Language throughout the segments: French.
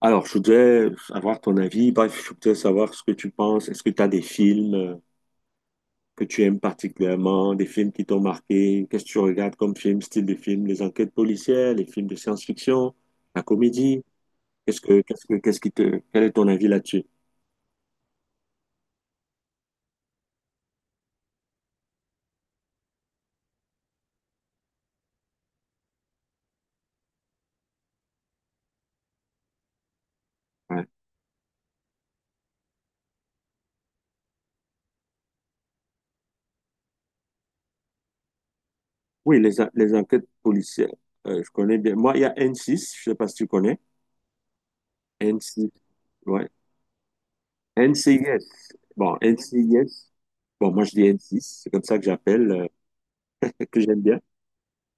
Alors, je voudrais avoir ton avis. Bref, je voudrais savoir ce que tu penses. Est-ce que tu as des films que tu aimes particulièrement, des films qui t'ont marqué? Qu'est-ce que tu regardes comme film, style de film, les enquêtes policières, les films de science-fiction, la comédie? Qu'est-ce que, qu'est-ce que, qu'est-ce qui te, quel est ton avis là-dessus? Ouais. Oui, les enquêtes policières, je connais bien. Moi, il y a N6, je sais pas si tu connais. N6, ouais. n NCIS. Bon, n NCIS. Bon, moi, je dis N6, c'est comme ça que j'appelle, que j'aime bien.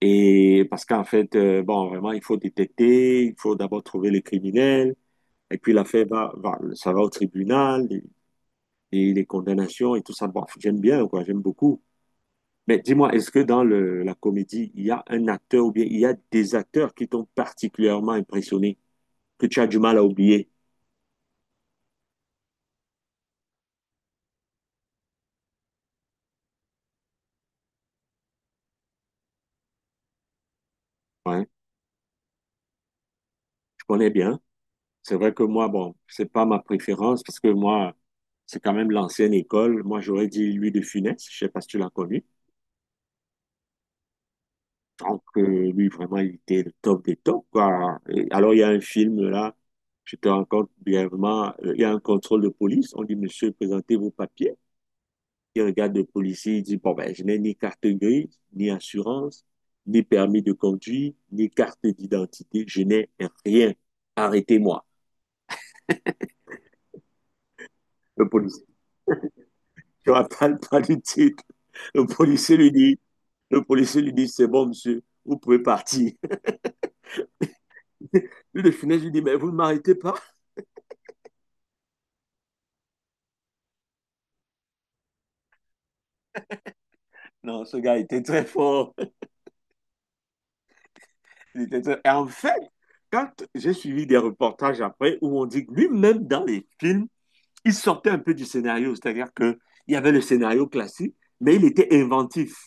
Et parce qu'en fait, bon, vraiment, il faut détecter, il faut d'abord trouver les criminels, et puis l'affaire ça va au tribunal, et les condamnations et tout ça. Bon, j'aime bien, quoi, j'aime beaucoup. Mais dis-moi, est-ce que dans la comédie, il y a un acteur ou bien il y a des acteurs qui t'ont particulièrement impressionné, que tu as du mal à oublier? Ouais, je connais bien. C'est vrai que moi, bon, c'est pas ma préférence parce que moi, c'est quand même l'ancienne école. Moi, j'aurais dit lui de Funès. Je sais pas si tu l'as connu. Donc, lui, vraiment, il était le top des tops, quoi. Et alors, il y a un film, là, je te raconte brièvement, il y a un contrôle de police. On dit, monsieur, présentez vos papiers. Il regarde le policier, il dit, bon, ben, je n'ai ni carte grise, ni assurance, ni permis de conduire, ni carte d'identité. Je n'ai rien. Arrêtez-moi. Le policier, tu rappelles pas du titre. Le policier lui dit, c'est bon, monsieur, vous pouvez partir. Lui, de finesse, lui dit, mais vous ne m'arrêtez pas. Non, ce gars était très fort. Et en fait, quand j'ai suivi des reportages après où on dit que lui-même dans les films, il sortait un peu du scénario, c'est-à-dire que il y avait le scénario classique, mais il était inventif.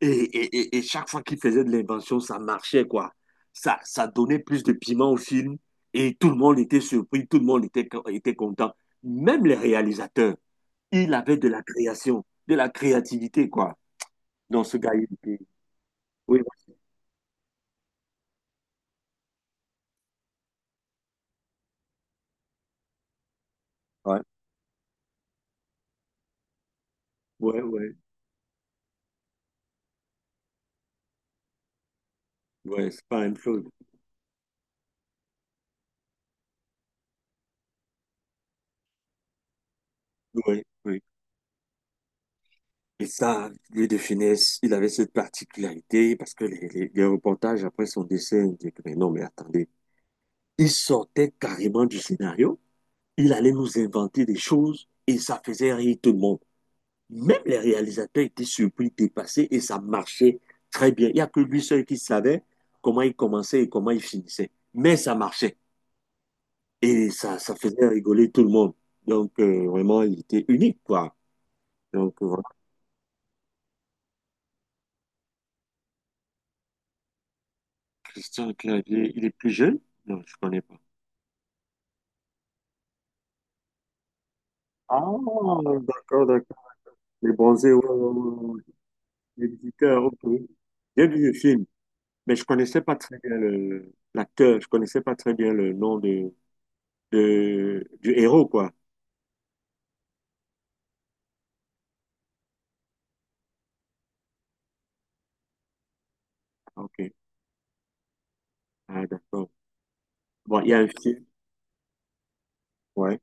Et chaque fois qu'il faisait de l'invention, ça marchait, quoi. Ça donnait plus de piment au film et tout le monde était surpris, tout le monde était content. Même les réalisateurs, il avait de la création, de la créativité, quoi. Dans ce gars, il était... Oui, ouais, ouais. Ouais. Ouais. Ouais, c'est pas la même chose. Oui, oui. Et ça, lui de finesse, il avait cette particularité parce que les reportages après son décès indiquent, mais non, mais attendez, il sortait carrément du scénario, il allait nous inventer des choses et ça faisait rire tout le monde. Même les réalisateurs étaient surpris, dépassés et ça marchait très bien. Il n'y a que lui seul qui savait comment il commençait et comment il finissait. Mais ça marchait et ça faisait rigoler tout le monde. Donc, vraiment, il était unique, quoi. Donc, Christian Clavier, il est plus jeune? Non, je connais pas. Ah, d'accord, d'accord. Les bronzés, ouais, ouais, ouais. L'éditeur, ok. J'ai vu le film, mais je connaissais pas très bien l'acteur, je connaissais pas très bien le nom de, du héros, quoi. Ah, ok. Ah, d'accord. Bon, il y a un film, ouais.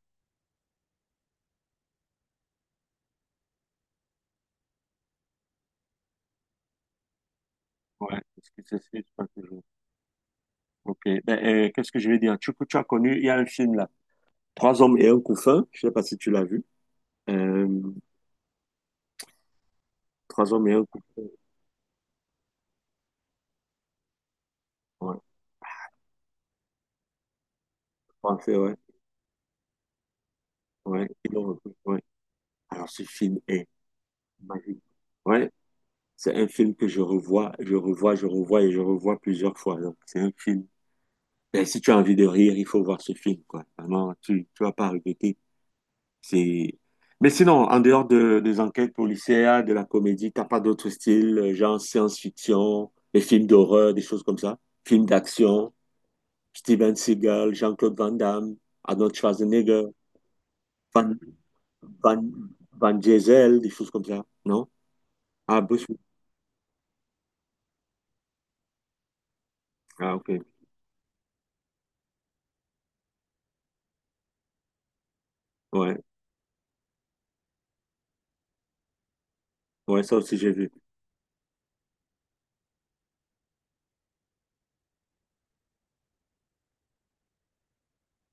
Ouais, parce que ça se fait pas toujours. Ok. Ben, qu'est-ce que je vais dire? Tu as connu, il y a un film là. Trois hommes et un couffin. Je sais pas si tu l'as vu. Euh, Trois hommes et un couffin. Ouais, français, ouais. Ouais, ils l'ont repris, ouais. Alors ce film est magique. Ouais, c'est un film que je revois plusieurs fois. Donc c'est un film. Ben, si tu as envie de rire, il faut voir ce film, quoi. Vraiment, tu vas pas regretter. C'est. Mais sinon, en dehors des enquêtes policières, de la comédie, t'as pas d'autres styles, genre science-fiction, des films d'horreur, des choses comme ça, films d'action, Steven Seagal, Jean-Claude Van Damme, Arnold Schwarzenegger, Van Van Van Diesel, des choses comme ça, non? Ah, Bruce Willis. Ah, ok. Ouais. Ouais, ça aussi, j'ai vu.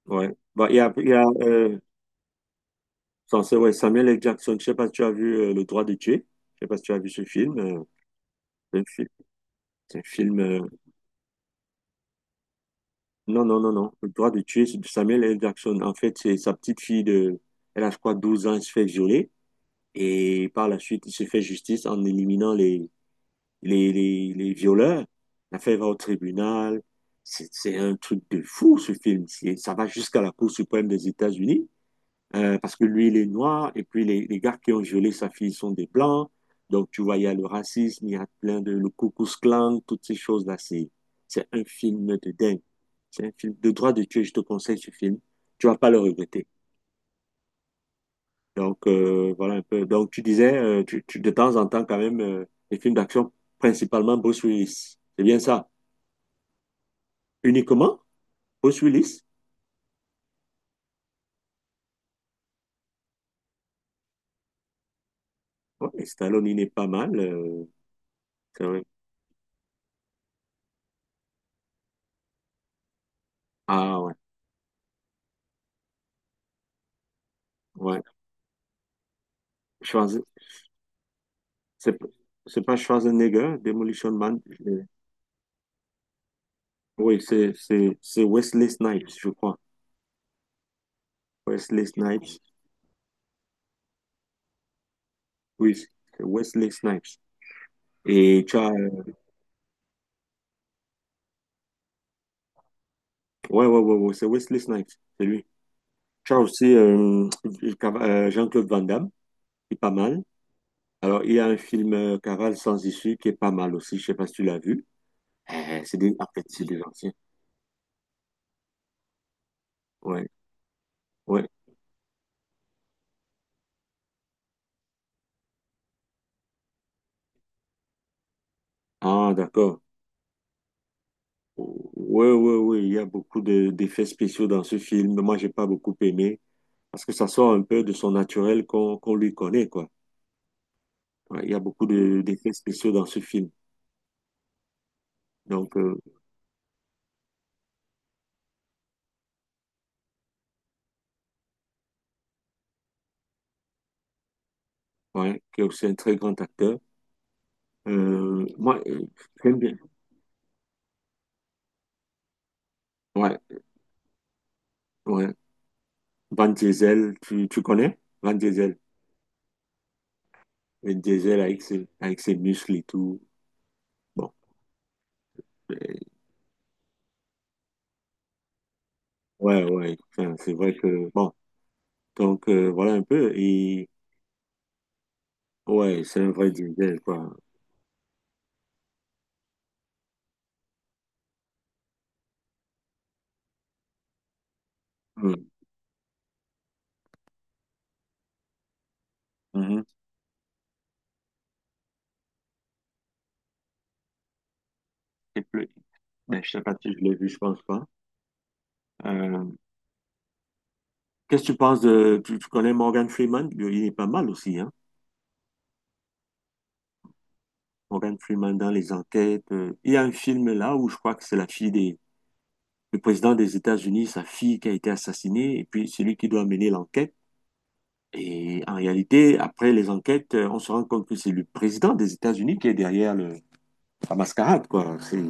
Ouais. Bah, il y a censé- ouais, Samuel L. Jackson. Je sais pas si tu as vu Le droit de tuer. Je sais pas si tu as vu ce film. C'est un film. C'est un film, Non, non, non, non. Le droit de tuer, c'est de Samuel L. Jackson. En fait, c'est sa petite fille de. Elle a, je crois, 12 ans. Elle se fait violer. Et par la suite, il se fait justice en éliminant les violeurs. L'affaire va au tribunal. C'est un truc de fou, ce film. Ça va jusqu'à la Cour suprême des États-Unis. Parce que lui, il est noir, et puis les gars qui ont violé sa fille sont des blancs. Donc, tu vois, il y a le racisme, il y a plein de, le Ku Klux Klan, toutes ces choses-là. C'est un film de dingue. C'est un film de droit de Dieu, je te conseille ce film. Tu vas pas le regretter. Donc, voilà un peu. Donc, tu disais, de temps en temps, quand même, les films d'action, principalement Bruce Willis. C'est bien ça. Uniquement Bruce Willis. Ouais, et Stallone, il n'est pas mal. C'est vrai. Ah, ouais. Ouais. C'est pas Schwarzenegger, Demolition Man. euh, Oui, c'est Wesley Snipes, je crois. Wesley Snipes. Oui, c'est Wesley Snipes. Et tu as... Ouais, ouais, ouais, ouais, c'est Wesley Snipes, c'est lui. Tu as aussi Jean-Claude Van Damme, qui est pas mal. Alors, il y a un film Cavale sans issue qui est pas mal aussi. Je sais pas si tu l'as vu. C'est des... En fait, c'est des anciens. Ouais, ouais. Ah, d'accord. Oui, oui, oui, il y a beaucoup d'effets spéciaux dans ce film. Moi, j'ai pas beaucoup aimé parce que ça sort un peu de son naturel qu'on lui connaît, quoi. Ouais, il y a beaucoup d'effets spéciaux dans ce film. Donc, ouais, qui est aussi un très grand acteur. Euh, moi, euh, J'aime bien. Ouais, ouais. Van Diesel, tu connais? Van Diesel. Van Diesel avec ses muscles et tout. Bon, euh, ouais, ouais. Enfin, c'est vrai que, bon. Donc, voilà un peu. Et, ouais, c'est un vrai Diesel, quoi. Mm. Mhm. Et plus- ben, je sais pas si je l'ai vu, je pense pas. Euh, qu'est-ce que tu penses de... tu connais Morgan Freeman? Il est pas mal aussi, hein? Morgan Freeman dans les enquêtes. Il y a un film là où je crois que c'est la fille du président des États-Unis, sa fille qui a été assassinée, et puis c'est lui qui doit mener l'enquête. Et en réalité, après les enquêtes, on se rend compte que c'est le président des États-Unis qui est derrière la mascarade, quoi. C'est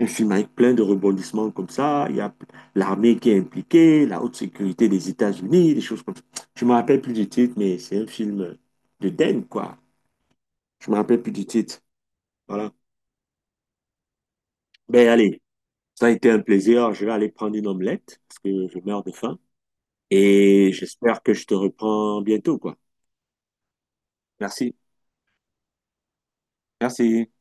un film avec plein de rebondissements comme ça. Il y a l'armée qui est impliquée, la haute sécurité des États-Unis, des choses comme ça. Je me rappelle plus du titre, mais c'est un film de Den, quoi. Je me rappelle plus du titre. Voilà. Ben allez, ça a été un plaisir. Je vais aller prendre une omelette parce que je meurs de faim. Et j'espère que je te reprends bientôt, quoi. Merci. Merci.